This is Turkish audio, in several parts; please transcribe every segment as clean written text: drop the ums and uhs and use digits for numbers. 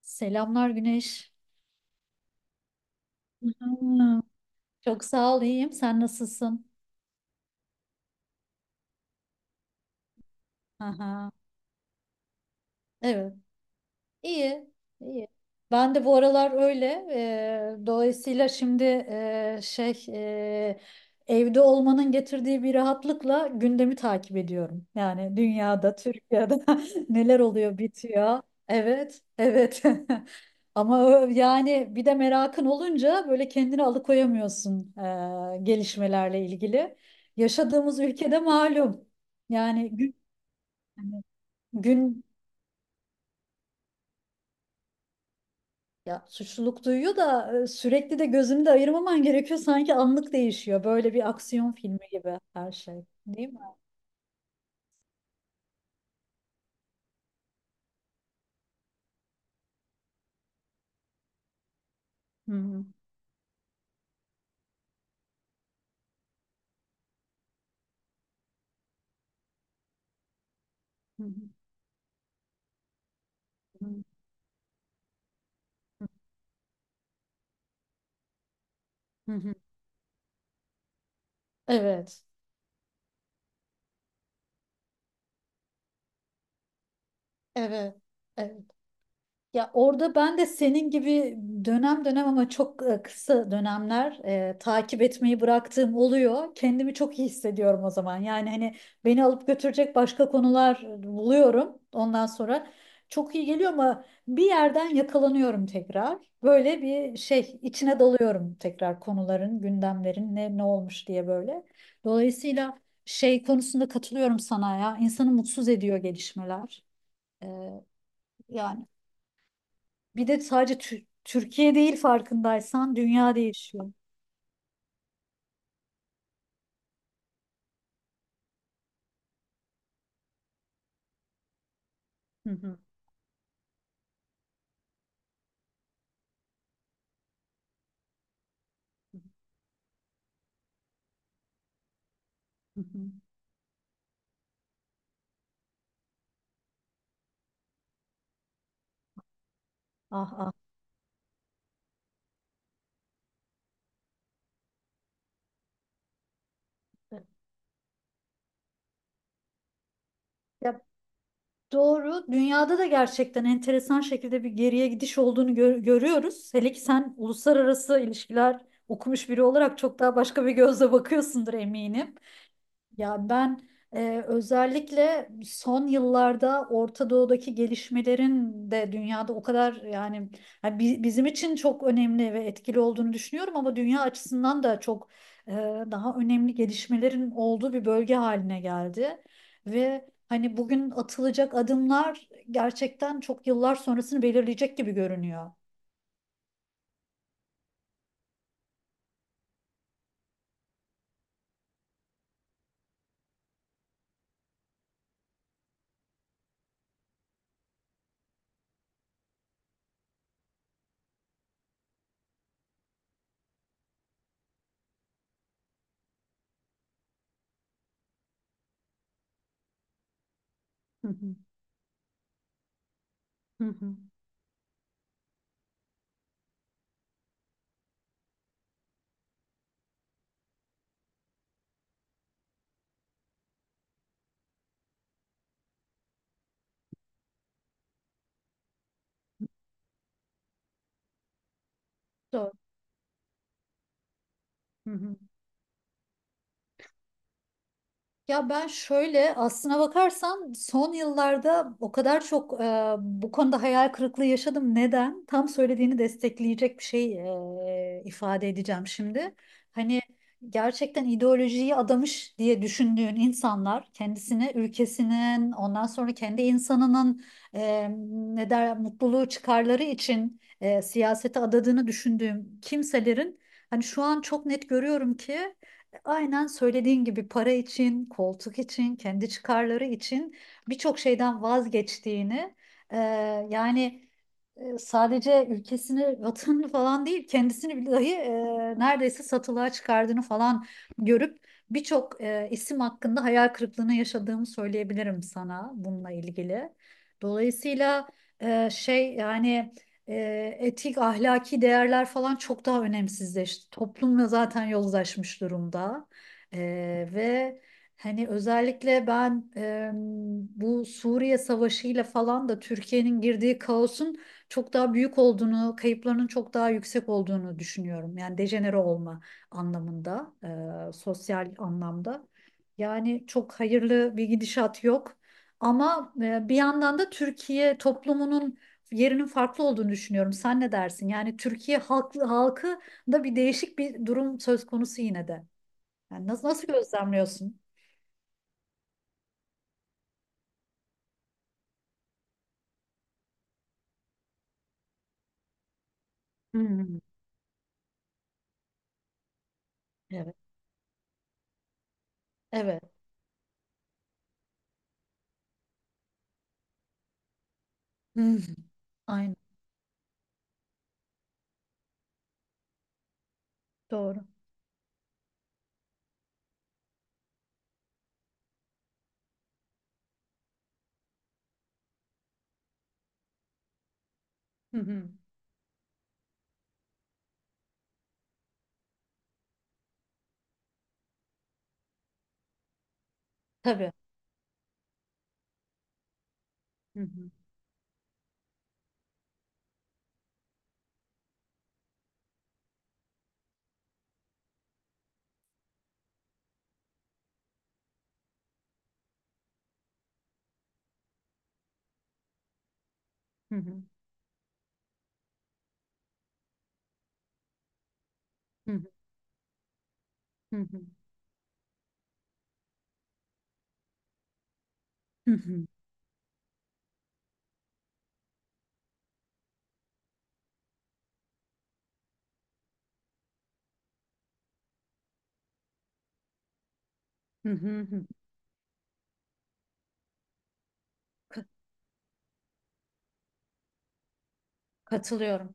Selamlar Güneş. Aa, çok sağ ol, iyiyim. Sen nasılsın? Aha. Evet. İyi, iyi. Ben de bu aralar öyle. Dolayısıyla şimdi evde olmanın getirdiği bir rahatlıkla gündemi takip ediyorum. Yani dünyada, Türkiye'de neler oluyor, bitiyor. Evet, evet. Ama yani bir de merakın olunca böyle kendini alıkoyamıyorsun gelişmelerle ilgili. Yaşadığımız ülkede malum. Yani gün, hani gün Ya suçluluk duyuyor da sürekli de gözünü de ayırmaman gerekiyor. Sanki anlık değişiyor. Böyle bir aksiyon filmi gibi her şey. Değil mi? Hı hı. Hı hı. Hı hı. Evet. Evet. Evet. Ya orada ben de senin gibi dönem dönem ama çok kısa dönemler takip etmeyi bıraktığım oluyor. Kendimi çok iyi hissediyorum o zaman. Yani hani beni alıp götürecek başka konular buluyorum. Ondan sonra çok iyi geliyor ama bir yerden yakalanıyorum tekrar. Böyle bir şey içine dalıyorum tekrar konuların, gündemlerin ne olmuş diye böyle. Dolayısıyla şey konusunda katılıyorum sana ya. İnsanı mutsuz ediyor gelişmeler. E, yani. Bir de sadece Türkiye değil farkındaysan dünya değişiyor. Hı hı, hı hı. Ah ah. Ya doğru. Dünyada da gerçekten enteresan şekilde bir geriye gidiş olduğunu görüyoruz. Hele ki sen uluslararası ilişkiler okumuş biri olarak çok daha başka bir gözle bakıyorsundur eminim. Ya ben özellikle son yıllarda Orta Doğu'daki gelişmelerin de dünyada o kadar yani, bizim için çok önemli ve etkili olduğunu düşünüyorum ama dünya açısından da çok e, daha önemli gelişmelerin olduğu bir bölge haline geldi. Ve hani bugün atılacak adımlar gerçekten çok yıllar sonrasını belirleyecek gibi görünüyor. Hı hı. Hı hı. Doğru. Hı hı. Ya ben şöyle, aslına bakarsan son yıllarda o kadar çok bu konuda hayal kırıklığı yaşadım. Neden? Tam söylediğini destekleyecek bir şey ifade edeceğim şimdi. Hani gerçekten ideolojiyi adamış diye düşündüğün insanlar kendisine, ülkesinin, ondan sonra kendi insanının e, ne der mutluluğu çıkarları için siyasete adadığını düşündüğüm kimselerin hani şu an çok net görüyorum ki aynen söylediğin gibi para için, koltuk için, kendi çıkarları için birçok şeyden vazgeçtiğini, e, yani sadece ülkesini, vatanını falan değil, kendisini bile dahi neredeyse satılığa çıkardığını falan görüp birçok isim hakkında hayal kırıklığına yaşadığımı söyleyebilirim sana bununla ilgili. Dolayısıyla e, şey yani etik, ahlaki değerler falan çok daha önemsizleşti. Toplumla zaten yozlaşmış durumda. E, ve Hani özellikle ben bu Suriye Savaşı'yla falan da Türkiye'nin girdiği kaosun çok daha büyük olduğunu, kayıplarının çok daha yüksek olduğunu düşünüyorum. Yani dejenere olma anlamında, sosyal anlamda. Yani çok hayırlı bir gidişat yok. Ama bir yandan da Türkiye toplumunun yerinin farklı olduğunu düşünüyorum. Sen ne dersin? Yani Türkiye halkı, da bir değişik bir durum söz konusu yine de. Yani nasıl, nasıl gözlemliyorsun? Hmm. Evet. Evet. Hı. Hı. Aynen. Doğru. Hı hı. Tabii. Hı hı. Hı hı. Hı hı. Hı hı. Hı hı, hı hı, hı. Ka- Katılıyorum.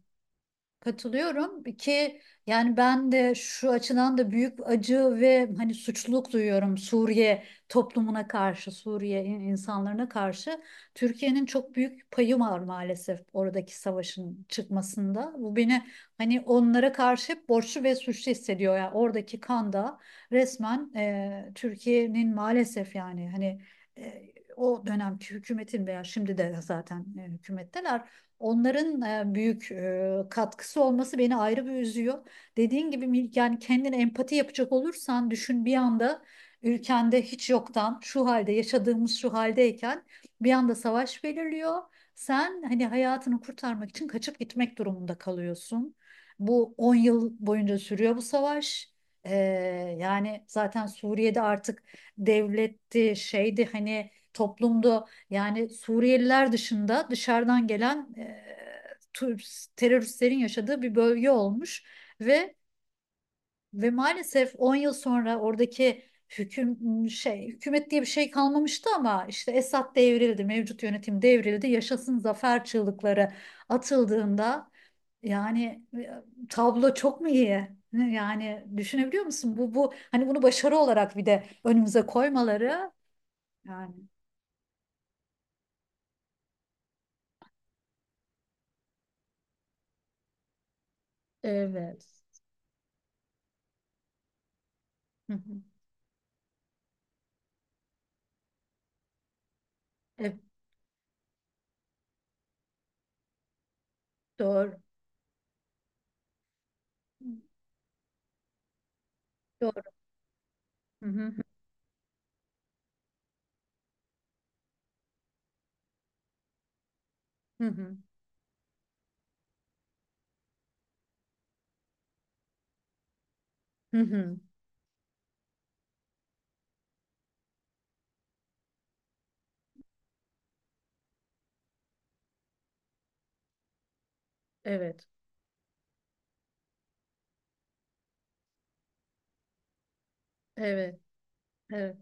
Katılıyorum ki yani ben de şu açıdan da büyük acı ve hani suçluluk duyuyorum Suriye toplumuna karşı, Suriye insanlarına karşı. Türkiye'nin çok büyük payı var maalesef oradaki savaşın çıkmasında. Bu beni hani onlara karşı hep borçlu ve suçlu hissediyor. Yani oradaki kan da resmen Türkiye'nin maalesef yani hani e, o dönemki hükümetin veya şimdi de zaten hükümetteler. Onların büyük katkısı olması beni ayrı bir üzüyor. Dediğin gibi yani kendine empati yapacak olursan düşün, bir anda ülkende hiç yoktan şu halde yaşadığımız şu haldeyken bir anda savaş belirliyor. Sen hani hayatını kurtarmak için kaçıp gitmek durumunda kalıyorsun. Bu 10 yıl boyunca sürüyor bu savaş. Ee, yani zaten Suriye'de artık devletti, şeydi, hani toplumdu, yani Suriyeliler dışında dışarıdan gelen teröristlerin yaşadığı bir bölge olmuş ve ve maalesef 10 yıl sonra oradaki hüküm hükümet diye bir şey kalmamıştı ama işte Esad devrildi, mevcut yönetim devrildi, yaşasın zafer çığlıkları atıldığında yani tablo çok mu iyi? Yani düşünebiliyor musun? Bu hani bunu başarı olarak bir de önümüze koymaları, yani evet. Hı hı. Evet, doğru. Doğru. Hı hı, hı hı. Hı hı. Evet. Evet. Evet.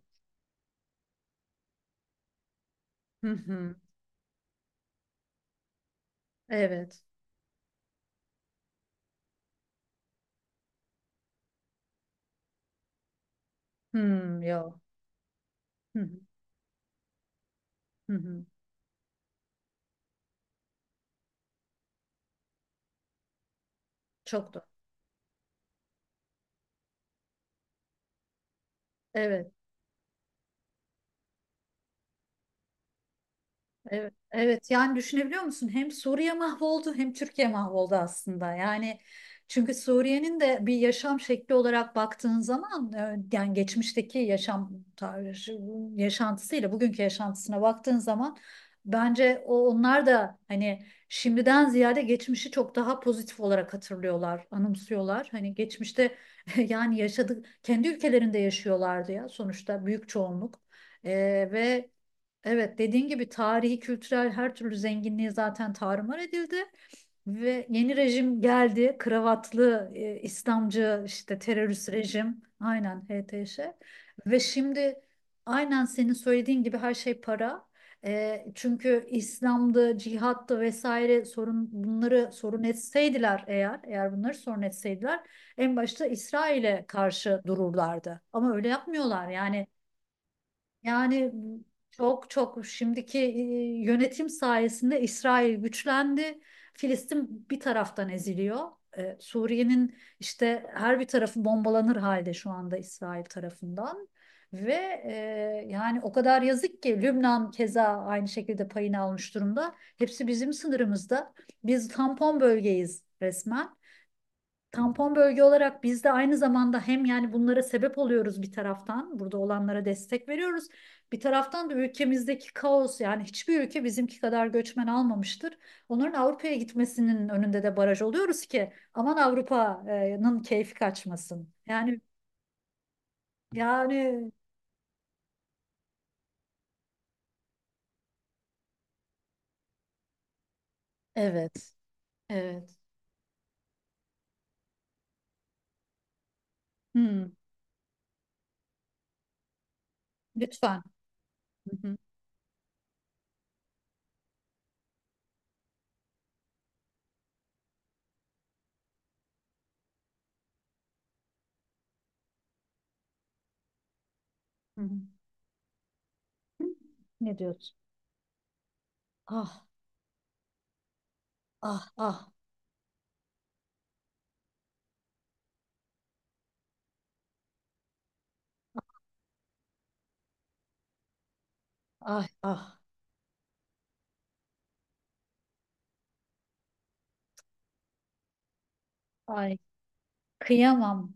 Hı hı. Evet. Hı, yo. Hı hı. Hı hı. Çok doğru. Evet. Evet, evet, yani düşünebiliyor musun? Hem Suriye mahvoldu hem Türkiye mahvoldu aslında. Yani çünkü Suriye'nin de bir yaşam şekli olarak baktığın zaman yani geçmişteki yaşam tarzı, yaşantısıyla bugünkü yaşantısına baktığın zaman bence onlar da hani şimdiden ziyade geçmişi çok daha pozitif olarak hatırlıyorlar, anımsıyorlar. Hani geçmişte yani yaşadık, kendi ülkelerinde yaşıyorlardı ya sonuçta büyük çoğunluk. E, ve Evet, dediğin gibi tarihi, kültürel her türlü zenginliği zaten tarumar edildi ve yeni rejim geldi. Kravatlı, İslamcı, işte terörist rejim. Aynen HTŞ. Ve şimdi aynen senin söylediğin gibi her şey para. Çünkü İslam'da cihat'ta vesaire sorun, bunları sorun etseydiler eğer, eğer bunları sorun etseydiler en başta İsrail'e karşı dururlardı. Ama öyle yapmıyorlar. Yani çok çok şimdiki yönetim sayesinde İsrail güçlendi. Filistin bir taraftan eziliyor. Suriye'nin işte her bir tarafı bombalanır halde şu anda İsrail tarafından. Ve yani o kadar yazık ki Lübnan keza aynı şekilde payını almış durumda. Hepsi bizim sınırımızda. Biz tampon bölgeyiz resmen. Tampon bölge olarak biz de aynı zamanda hem yani bunlara sebep oluyoruz bir taraftan, burada olanlara destek veriyoruz. Bir taraftan da ülkemizdeki kaos, yani hiçbir ülke bizimki kadar göçmen almamıştır. Onların Avrupa'ya gitmesinin önünde de baraj oluyoruz ki aman Avrupa'nın keyfi kaçmasın. Yani. Evet. Evet. Hmm, lütfen. Hı hı. Hı hı. Ne diyorsun? Ah, ah, ah, ay ah. Ay, kıyamam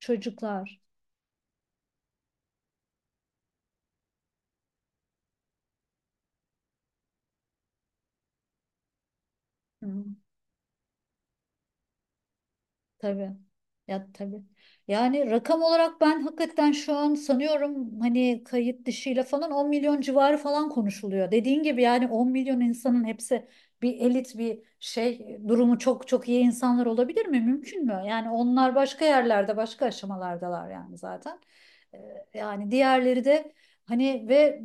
çocuklar. Hı. Tabii. Ya tabii. Yani rakam olarak ben hakikaten şu an sanıyorum hani kayıt dışıyla falan 10 milyon civarı falan konuşuluyor. Dediğin gibi yani 10 milyon insanın hepsi bir elit, bir şey, durumu çok çok iyi insanlar olabilir mi? Mümkün mü? Yani onlar başka yerlerde başka aşamalardalar yani zaten. Ee, yani diğerleri de hani ve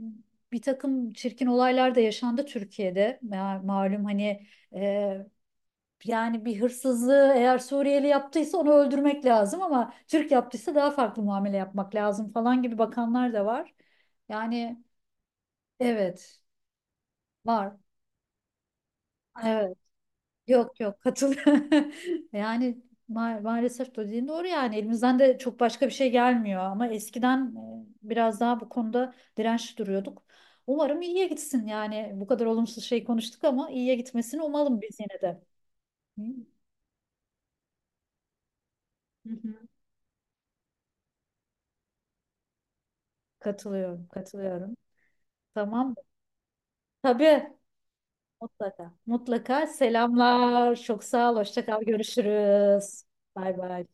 bir takım çirkin olaylar da yaşandı Türkiye'de. Malum hani yani bir hırsızlığı eğer Suriyeli yaptıysa onu öldürmek lazım ama Türk yaptıysa daha farklı muamele yapmak lazım falan gibi bakanlar da var. Yani evet var. Evet. Yok yok katıl. Yani maalesef dediğin doğru, yani elimizden de çok başka bir şey gelmiyor ama eskiden biraz daha bu konuda dirençli duruyorduk. Umarım iyiye gitsin, yani bu kadar olumsuz şey konuştuk ama iyiye gitmesini umalım biz yine de. Hı? Hı hı. Katılıyorum, katılıyorum. Tamam. Tabii mutlaka. Mutlaka. Selamlar. Çok sağ ol. Hoşça kal. Görüşürüz. Bay bay.